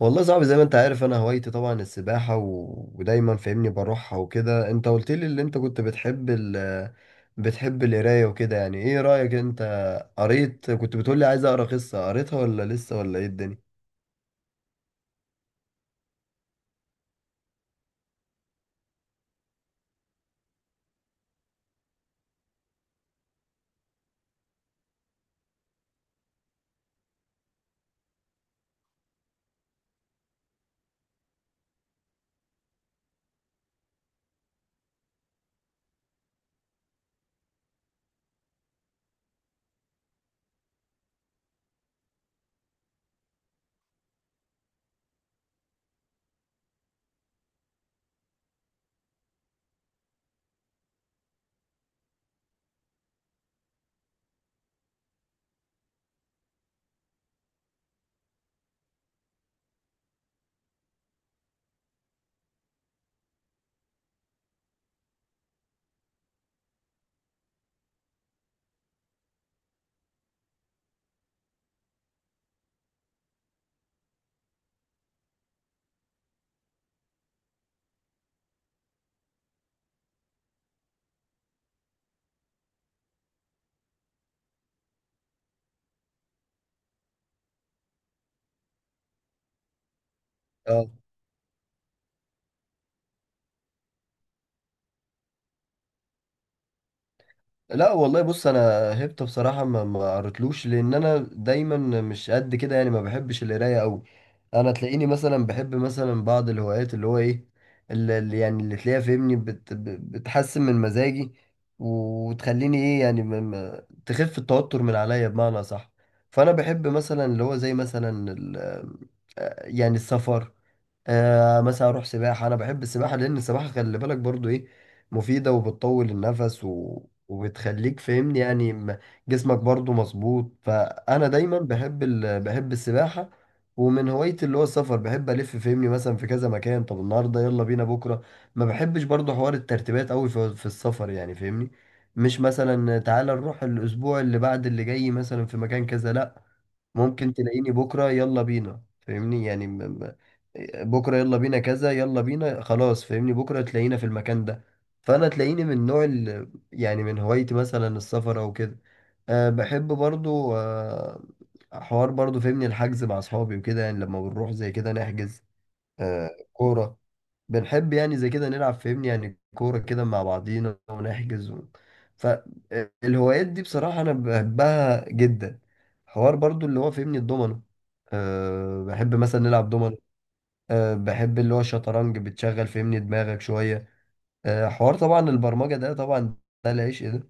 والله صعب زي ما انت عارف، انا هوايتي طبعا السباحة ودايما فاهمني بروحها وكده. انت قلت لي اللي انت كنت بتحب بتحب القراية وكده. يعني ايه رأيك انت؟ كنت بتقول لي عايز اقرا قصة، قريتها ولا لسه، ولا ايه الدنيا؟ لا والله، بص انا هبت بصراحه ما قريتلوش، لان انا دايما مش قد كده يعني ما بحبش القرايه قوي. انا تلاقيني مثلا بحب مثلا بعض الهوايات اللي هو ايه؟ اللي تلاقيها فهمني بتحسن من مزاجي وتخليني ايه، يعني تخف التوتر من عليا، بمعنى صح. فانا بحب مثلا اللي هو زي مثلا يعني السفر. مثلا اروح سباحه. انا بحب السباحه لان السباحه، خلي بالك برضو، ايه، مفيده وبتطول النفس وبتخليك فاهمني يعني جسمك برضو مظبوط. فانا دايما بحب السباحه. ومن هوايتي اللي هو السفر، بحب الف فاهمني مثلا في كذا مكان. طب النهارده يلا بينا، بكره. ما بحبش برضو حوار الترتيبات قوي في السفر يعني فاهمني. مش مثلا تعالى نروح الاسبوع اللي بعد اللي جاي مثلا في مكان كذا، لا. ممكن تلاقيني بكرة يلا بينا فاهمني يعني م- بكرة يلا بينا كذا، يلا بينا خلاص، فاهمني، بكرة تلاقينا في المكان ده. فأنا تلاقيني من نوع يعني من هوايتي مثلا السفر أو كده. بحب برضو حوار برضو فاهمني الحجز مع أصحابي وكده. يعني لما بنروح زي كده نحجز. كورة، بنحب يعني زي كده نلعب، فاهمني، يعني كورة كده مع بعضينا ونحجز فالهوايات دي بصراحة أنا بحبها جدا. حوار برضو اللي هو فاهمني الدومينو، بحب مثلا نلعب دومينو. بحب اللي هو الشطرنج، بتشغل فاهمني دماغك شوية. حوار طبعا البرمجة ده، طبعا ده العيش، إيه ده.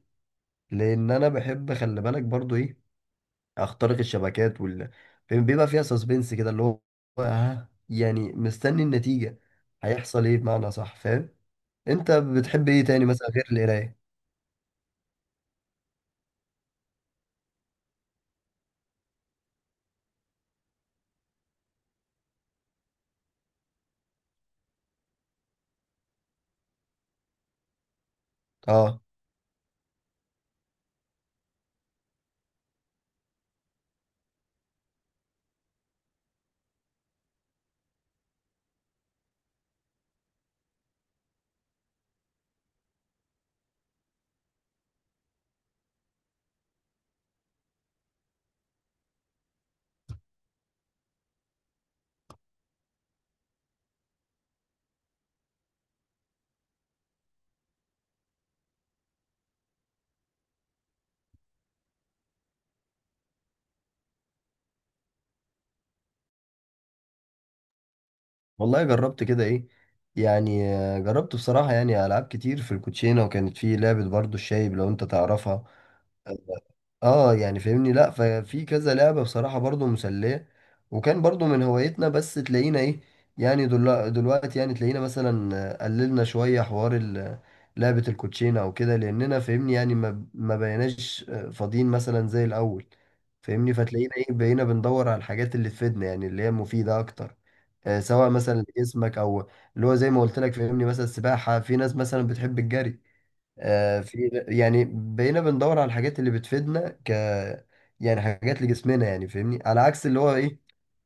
لأن أنا بحب، خلي بالك برضو، إيه، أخترق الشبكات بيبقى فيها سسبنس كده، اللي هو ها يعني مستني النتيجة، هيحصل إيه، بمعنى صح فاهم. انت بتحب ايه تاني مثلا غير القرايه؟ اه، والله جربت كده ايه، يعني جربت بصراحه يعني العاب كتير في الكوتشينه. وكانت في لعبه برضو الشايب، لو انت تعرفها. اه، يعني فاهمني لا، ففي كذا لعبة بصراحة برضو مسلية. وكان برضو من هوايتنا، بس تلاقينا ايه، يعني دلوقتي يعني تلاقينا مثلا قللنا شوية حوار لعبة الكوتشينة او كده، لاننا فاهمني يعني ما بقيناش فاضيين مثلا زي الاول. فاهمني، فتلاقينا ايه، بقينا بندور على الحاجات اللي تفيدنا يعني اللي هي مفيدة اكتر. سواء مثلا لجسمك او اللي هو زي ما قلت لك فاهمني مثلا السباحة. في ناس مثلا بتحب الجري. في يعني بقينا بندور على الحاجات اللي بتفيدنا يعني حاجات لجسمنا يعني فاهمني، على عكس اللي هو ايه،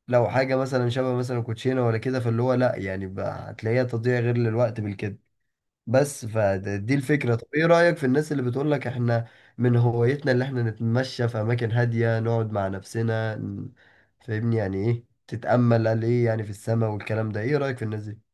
لو حاجة مثلا شبه مثلا كوتشينة ولا كده، فاللي هو لا يعني بقى هتلاقيها تضييع غير للوقت بالكده. بس فدي الفكرة. طب ايه رأيك في الناس اللي بتقول لك احنا من هوايتنا اللي احنا نتمشى في اماكن هادية، نقعد مع نفسنا فاهمني يعني ايه، تتأمل قال ايه يعني، في السماء والكلام ده. ايه رأيك في الناس دي؟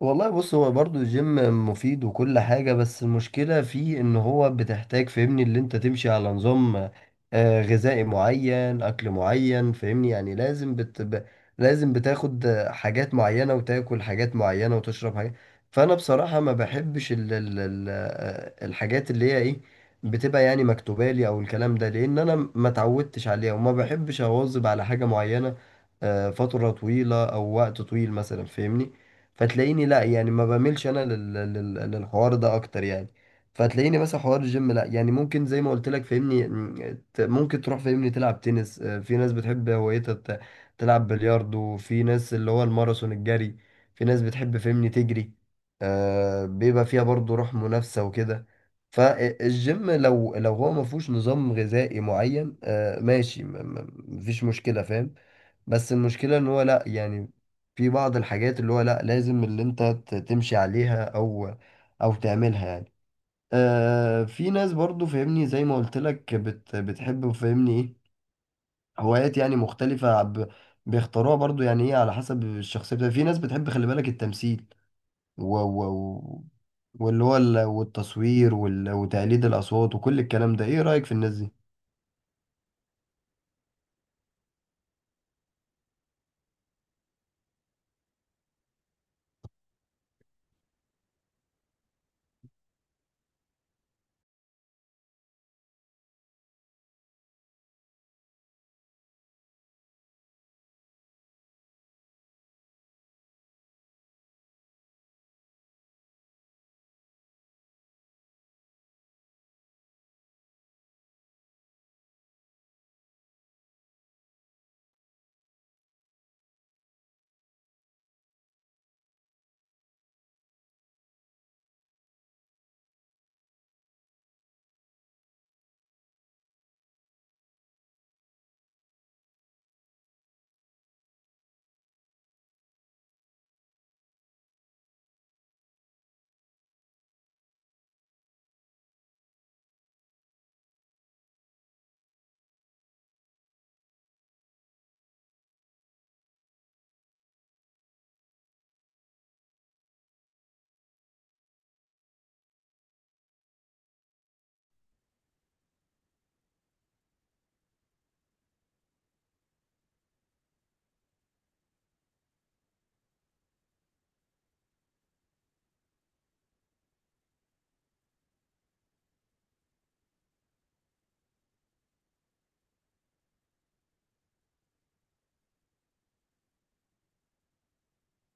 والله بص، هو برضو الجيم مفيد وكل حاجة، بس المشكلة فيه ان هو بتحتاج فاهمني اللي انت تمشي على نظام غذائي معين، اكل معين، فاهمني يعني لازم لازم بتاخد حاجات معينة وتاكل حاجات معينة وتشرب حاجات. فانا بصراحة ما بحبش ال... ال... ال... آه، الحاجات اللي هي ايه، بتبقى يعني مكتوبة لي او الكلام ده، لان انا ما اتعودتش عليها وما بحبش اواظب على حاجة معينة فترة طويلة او وقت طويل مثلا فاهمني. فتلاقيني لا يعني، ما بعملش انا للحوار ده اكتر يعني. فتلاقيني مثلا حوار الجيم لا يعني، ممكن زي ما قلت لك فاهمني ممكن تروح فاهمني تلعب تنس. في ناس بتحب هوايتها تلعب بلياردو. في ناس اللي هو الماراثون، الجري. في ناس بتحب فاهمني تجري. بيبقى فيها برضو روح منافسة وكده. فالجيم لو هو ما فيهوش نظام غذائي معين، ماشي، مفيش مشكلة فاهم. بس المشكلة ان هو لا يعني، في بعض الحاجات اللي هو لا، لازم اللي انت تمشي عليها او تعملها يعني. في ناس برضو فاهمني زي ما قلت لك بتحب فاهمني ايه، هوايات يعني مختلفة بيختاروها برضو يعني ايه على حسب الشخصية بتاعتك. في ناس بتحب، خلي بالك، التمثيل و و و- واللي هو والتصوير وتقليد الأصوات وكل الكلام ده. ايه رأيك في الناس دي؟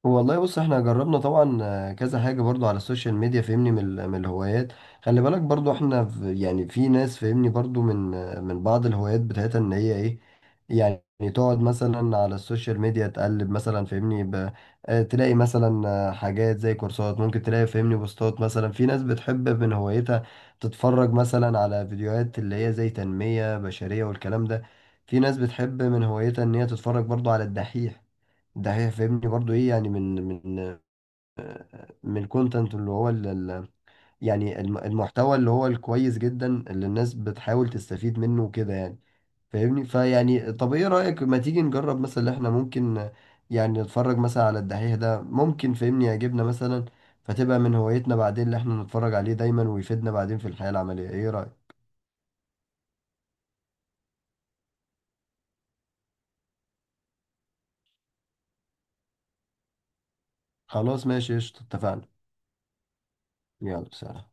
والله بص، احنا جربنا طبعا كذا حاجة برضو على السوشيال ميديا فهمني من الهوايات. خلي بالك برضو احنا في ناس فهمني برضو من بعض الهوايات بتاعتها ان هي ايه، يعني تقعد مثلا على السوشيال ميديا تقلب مثلا فهمني تلاقي مثلا حاجات زي كورسات. ممكن تلاقي فهمني بوستات، مثلا في ناس بتحب من هوايتها تتفرج مثلا على فيديوهات اللي هي زي تنمية بشرية والكلام ده. في ناس بتحب من هوايتها ان هي تتفرج برضو على الدحيح ده، هي فاهمني برضو ايه يعني من الكونتنت اللي هو يعني المحتوى اللي هو الكويس جدا، اللي الناس بتحاول تستفيد منه وكده يعني. فاهمني، فيعني طب ايه رأيك، ما تيجي نجرب مثلا اللي احنا ممكن يعني نتفرج مثلا على الدحيح ده، ممكن فاهمني يعجبنا مثلا، فتبقى من هوايتنا بعدين اللي احنا نتفرج عليه دايما ويفيدنا بعدين في الحياة العملية. ايه رأيك؟ خلاص ماشي قشطة، اتفقنا. يلا سلام.